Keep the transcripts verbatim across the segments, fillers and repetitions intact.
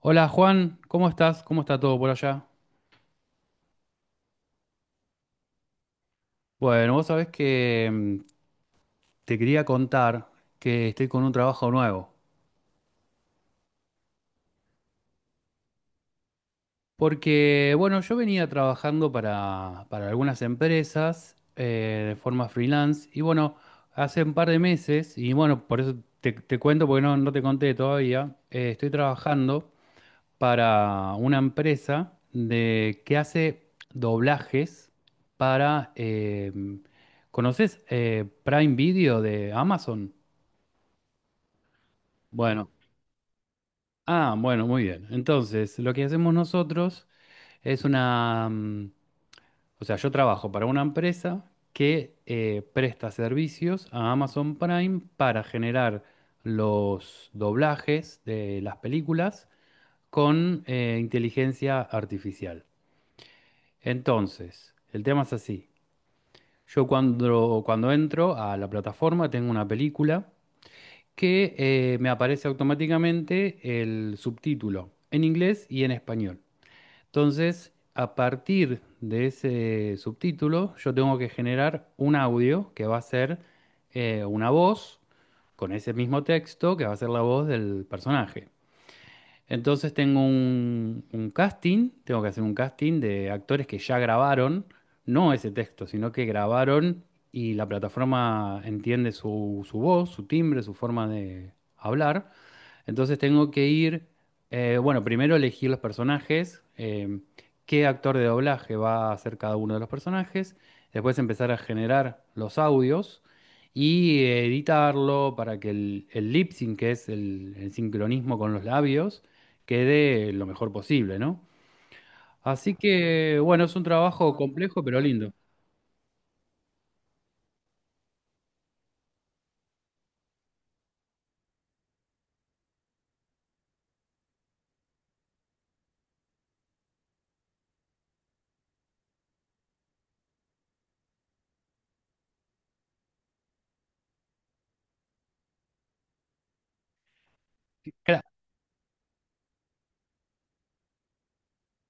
Hola Juan, ¿cómo estás? ¿Cómo está todo por allá? Bueno, vos sabés que mm, te quería contar que estoy con un trabajo nuevo. Porque, bueno, yo venía trabajando para, para algunas empresas eh, de forma freelance y bueno, hace un par de meses, y bueno, por eso te, te cuento porque no, no te conté todavía, eh, estoy trabajando para una empresa de, que hace doblajes para... eh, ¿conoces eh, Prime Video de Amazon? Bueno, ah, bueno, muy bien. Entonces, lo que hacemos nosotros es una... mm, o sea, yo trabajo para una empresa que eh, presta servicios a Amazon Prime para generar los doblajes de las películas con eh, inteligencia artificial. Entonces, el tema es así. Yo cuando, cuando entro a la plataforma tengo una película que eh, me aparece automáticamente el subtítulo en inglés y en español. Entonces, a partir de ese subtítulo, yo tengo que generar un audio que va a ser eh, una voz con ese mismo texto que va a ser la voz del personaje. Entonces tengo un, un casting, tengo que hacer un casting de actores que ya grabaron, no ese texto, sino que grabaron, y la plataforma entiende su, su voz, su timbre, su forma de hablar. Entonces tengo que ir, eh, bueno, primero elegir los personajes, eh, qué actor de doblaje va a hacer cada uno de los personajes, después empezar a generar los audios y eh, editarlo para que el, el lip sync, que es el, el sincronismo con los labios, quede lo mejor posible, ¿no? Así que, bueno, es un trabajo complejo pero lindo. Cla-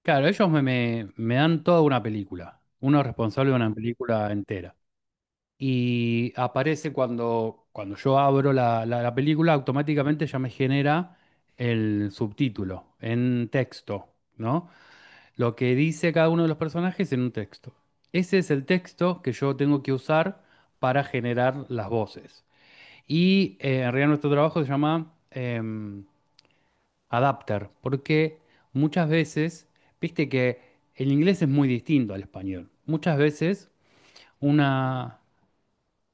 Claro, ellos me, me me dan toda una película, uno es responsable de una película entera. Y aparece cuando, cuando yo abro la, la- la película, automáticamente ya me genera el subtítulo en texto, ¿no? Lo que dice cada uno de los personajes en un texto. Ese es el texto que yo tengo que usar para generar las voces. Y eh, en realidad nuestro trabajo se llama em, adapter, porque muchas veces, viste que el inglés es muy distinto al español. Muchas veces una,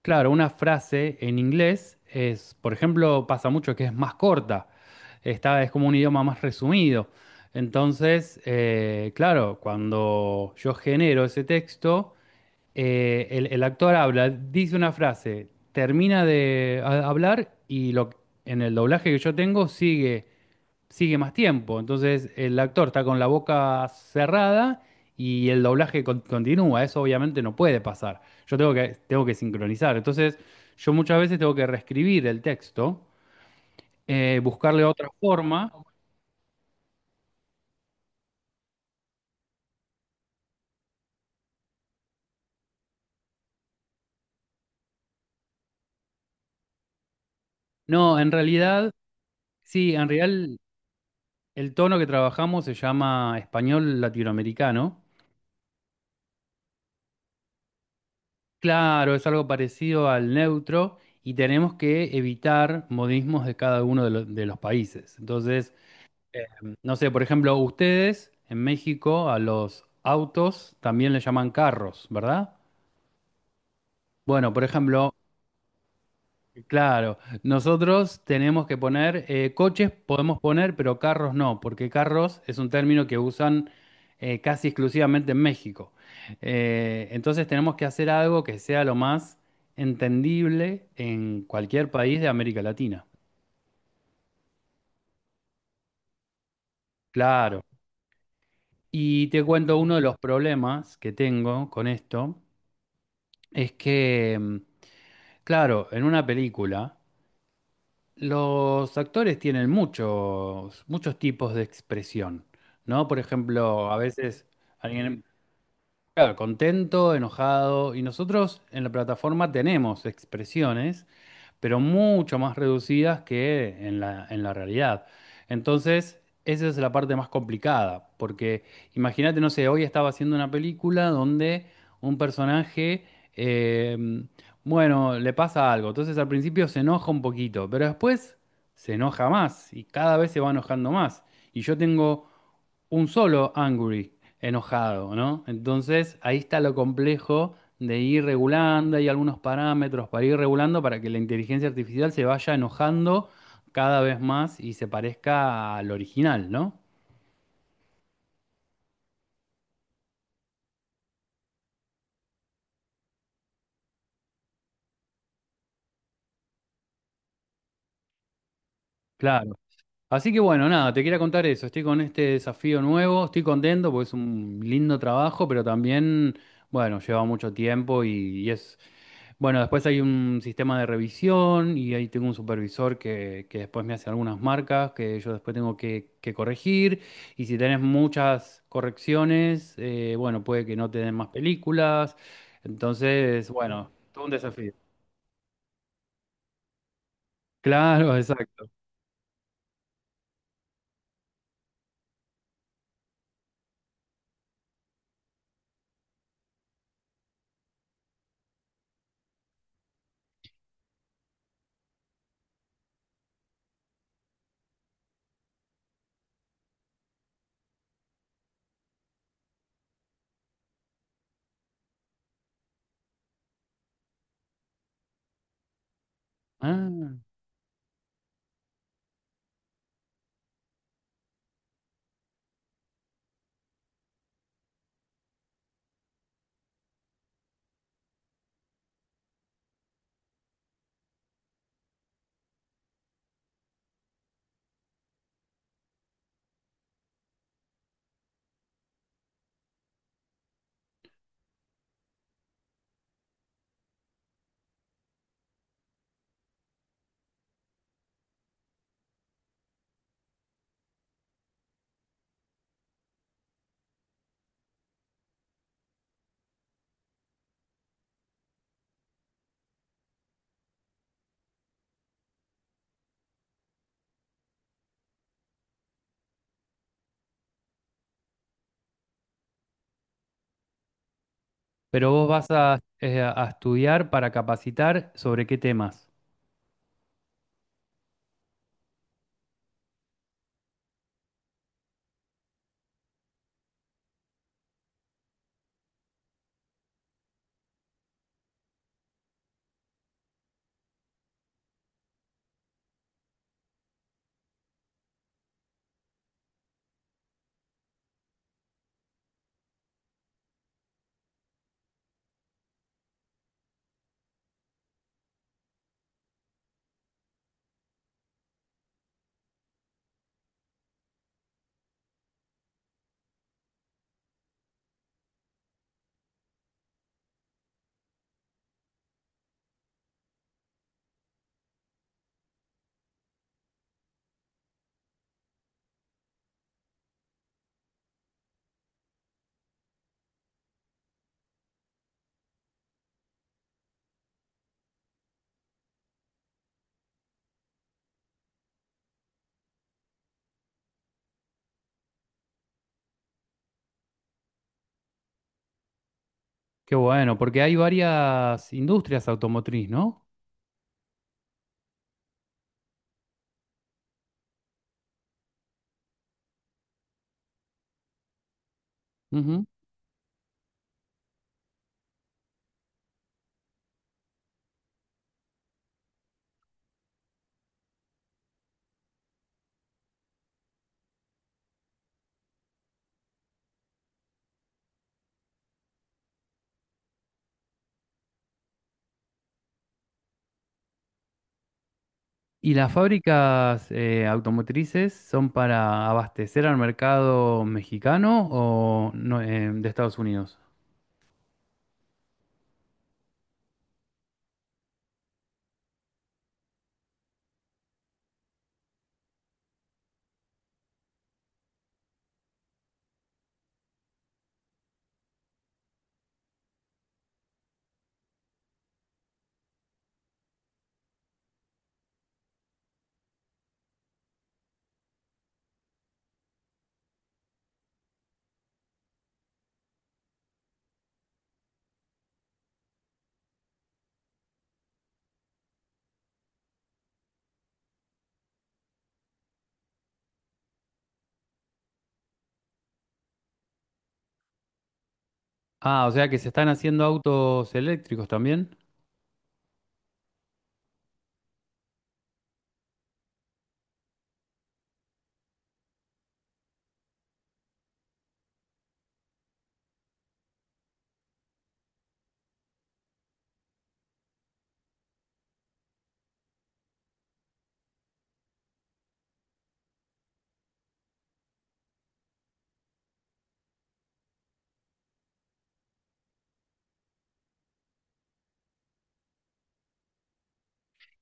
claro, una frase en inglés es, por ejemplo, pasa mucho que es más corta, está, es como un idioma más resumido. Entonces, eh, claro, cuando yo genero ese texto, eh, el, el actor habla, dice una frase, termina de ha- hablar y lo, en el doblaje que yo tengo sigue sigue más tiempo. Entonces el actor está con la boca cerrada y el doblaje con- continúa. Eso obviamente no puede pasar. Yo tengo que, tengo que sincronizar. Entonces yo muchas veces tengo que reescribir el texto, eh, buscarle otra forma. No, en realidad, sí, en realidad el tono que trabajamos se llama español latinoamericano. Claro, es algo parecido al neutro, y tenemos que evitar modismos de cada uno de, lo- de los países. Entonces, no sé, por ejemplo, ustedes en México a los autos también le llaman carros, ¿verdad? Bueno, por ejemplo, claro, nosotros tenemos que poner eh, coches, podemos poner, pero carros no, porque carros es un término que usan eh, casi exclusivamente en México. Eh, entonces tenemos que hacer algo que sea lo más entendible en cualquier país de América Latina. Claro. Y te cuento uno de los problemas que tengo con esto, es que mm, claro, en una película, los actores tienen muchos, muchos tipos de expresión, ¿no? Por ejemplo, a veces alguien, claro, contento, enojado, y nosotros en la plataforma tenemos expresiones pero mucho más reducidas que en la, en la realidad. Entonces, esa es la parte más complicada, porque imagínate, no sé, hoy estaba haciendo una película donde un personaje, eh, bueno, le pasa algo, entonces al principio se enoja un poquito, pero después se enoja más y cada vez se va enojando más. Y yo tengo un solo angry enojado, ¿no? Entonces ahí está lo complejo de ir regulando, hay algunos parámetros para ir regulando para que la inteligencia artificial se vaya enojando cada vez más y se parezca al original, ¿no? Claro. Así que bueno, nada, te quería contar eso. Estoy con este desafío nuevo, estoy contento porque es un lindo trabajo, pero también, bueno, lleva mucho tiempo y, y es... Bueno, después hay un sistema de revisión y ahí tengo un supervisor que, que después me hace algunas marcas que yo después tengo que, que corregir. Y si tenés muchas correcciones, eh, bueno, puede que no te den más películas. Entonces, bueno, todo un desafío. Claro, exacto. Ah. Pero vos vas a, eh, a estudiar para capacitar sobre qué temas. Qué bueno, porque hay varias industrias automotriz, ¿no? Ujú. Y las fábricas eh, automotrices son para abastecer al mercado mexicano o no, eh, de Estados Unidos. Ah, o sea que se están haciendo autos eléctricos también.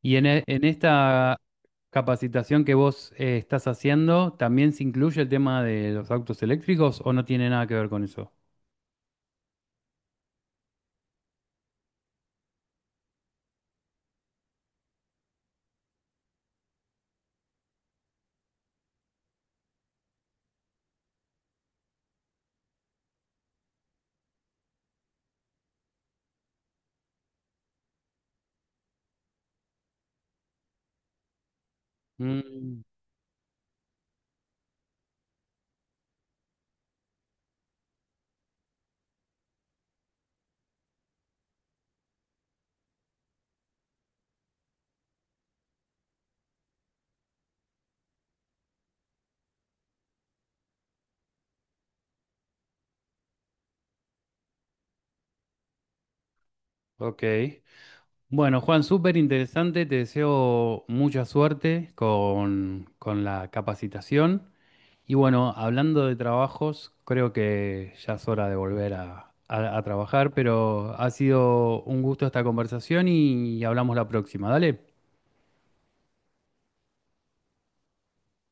Y en, e- en esta capacitación que vos eh, estás haciendo, ¿también se incluye el tema de los autos eléctricos o no tiene nada que ver con eso? Mm. Ok. Bueno, Juan, súper interesante. Te deseo mucha suerte con, con la capacitación. Y bueno, hablando de trabajos, creo que ya es hora de volver a, a- a trabajar, pero ha sido un gusto esta conversación y hablamos la próxima. Dale.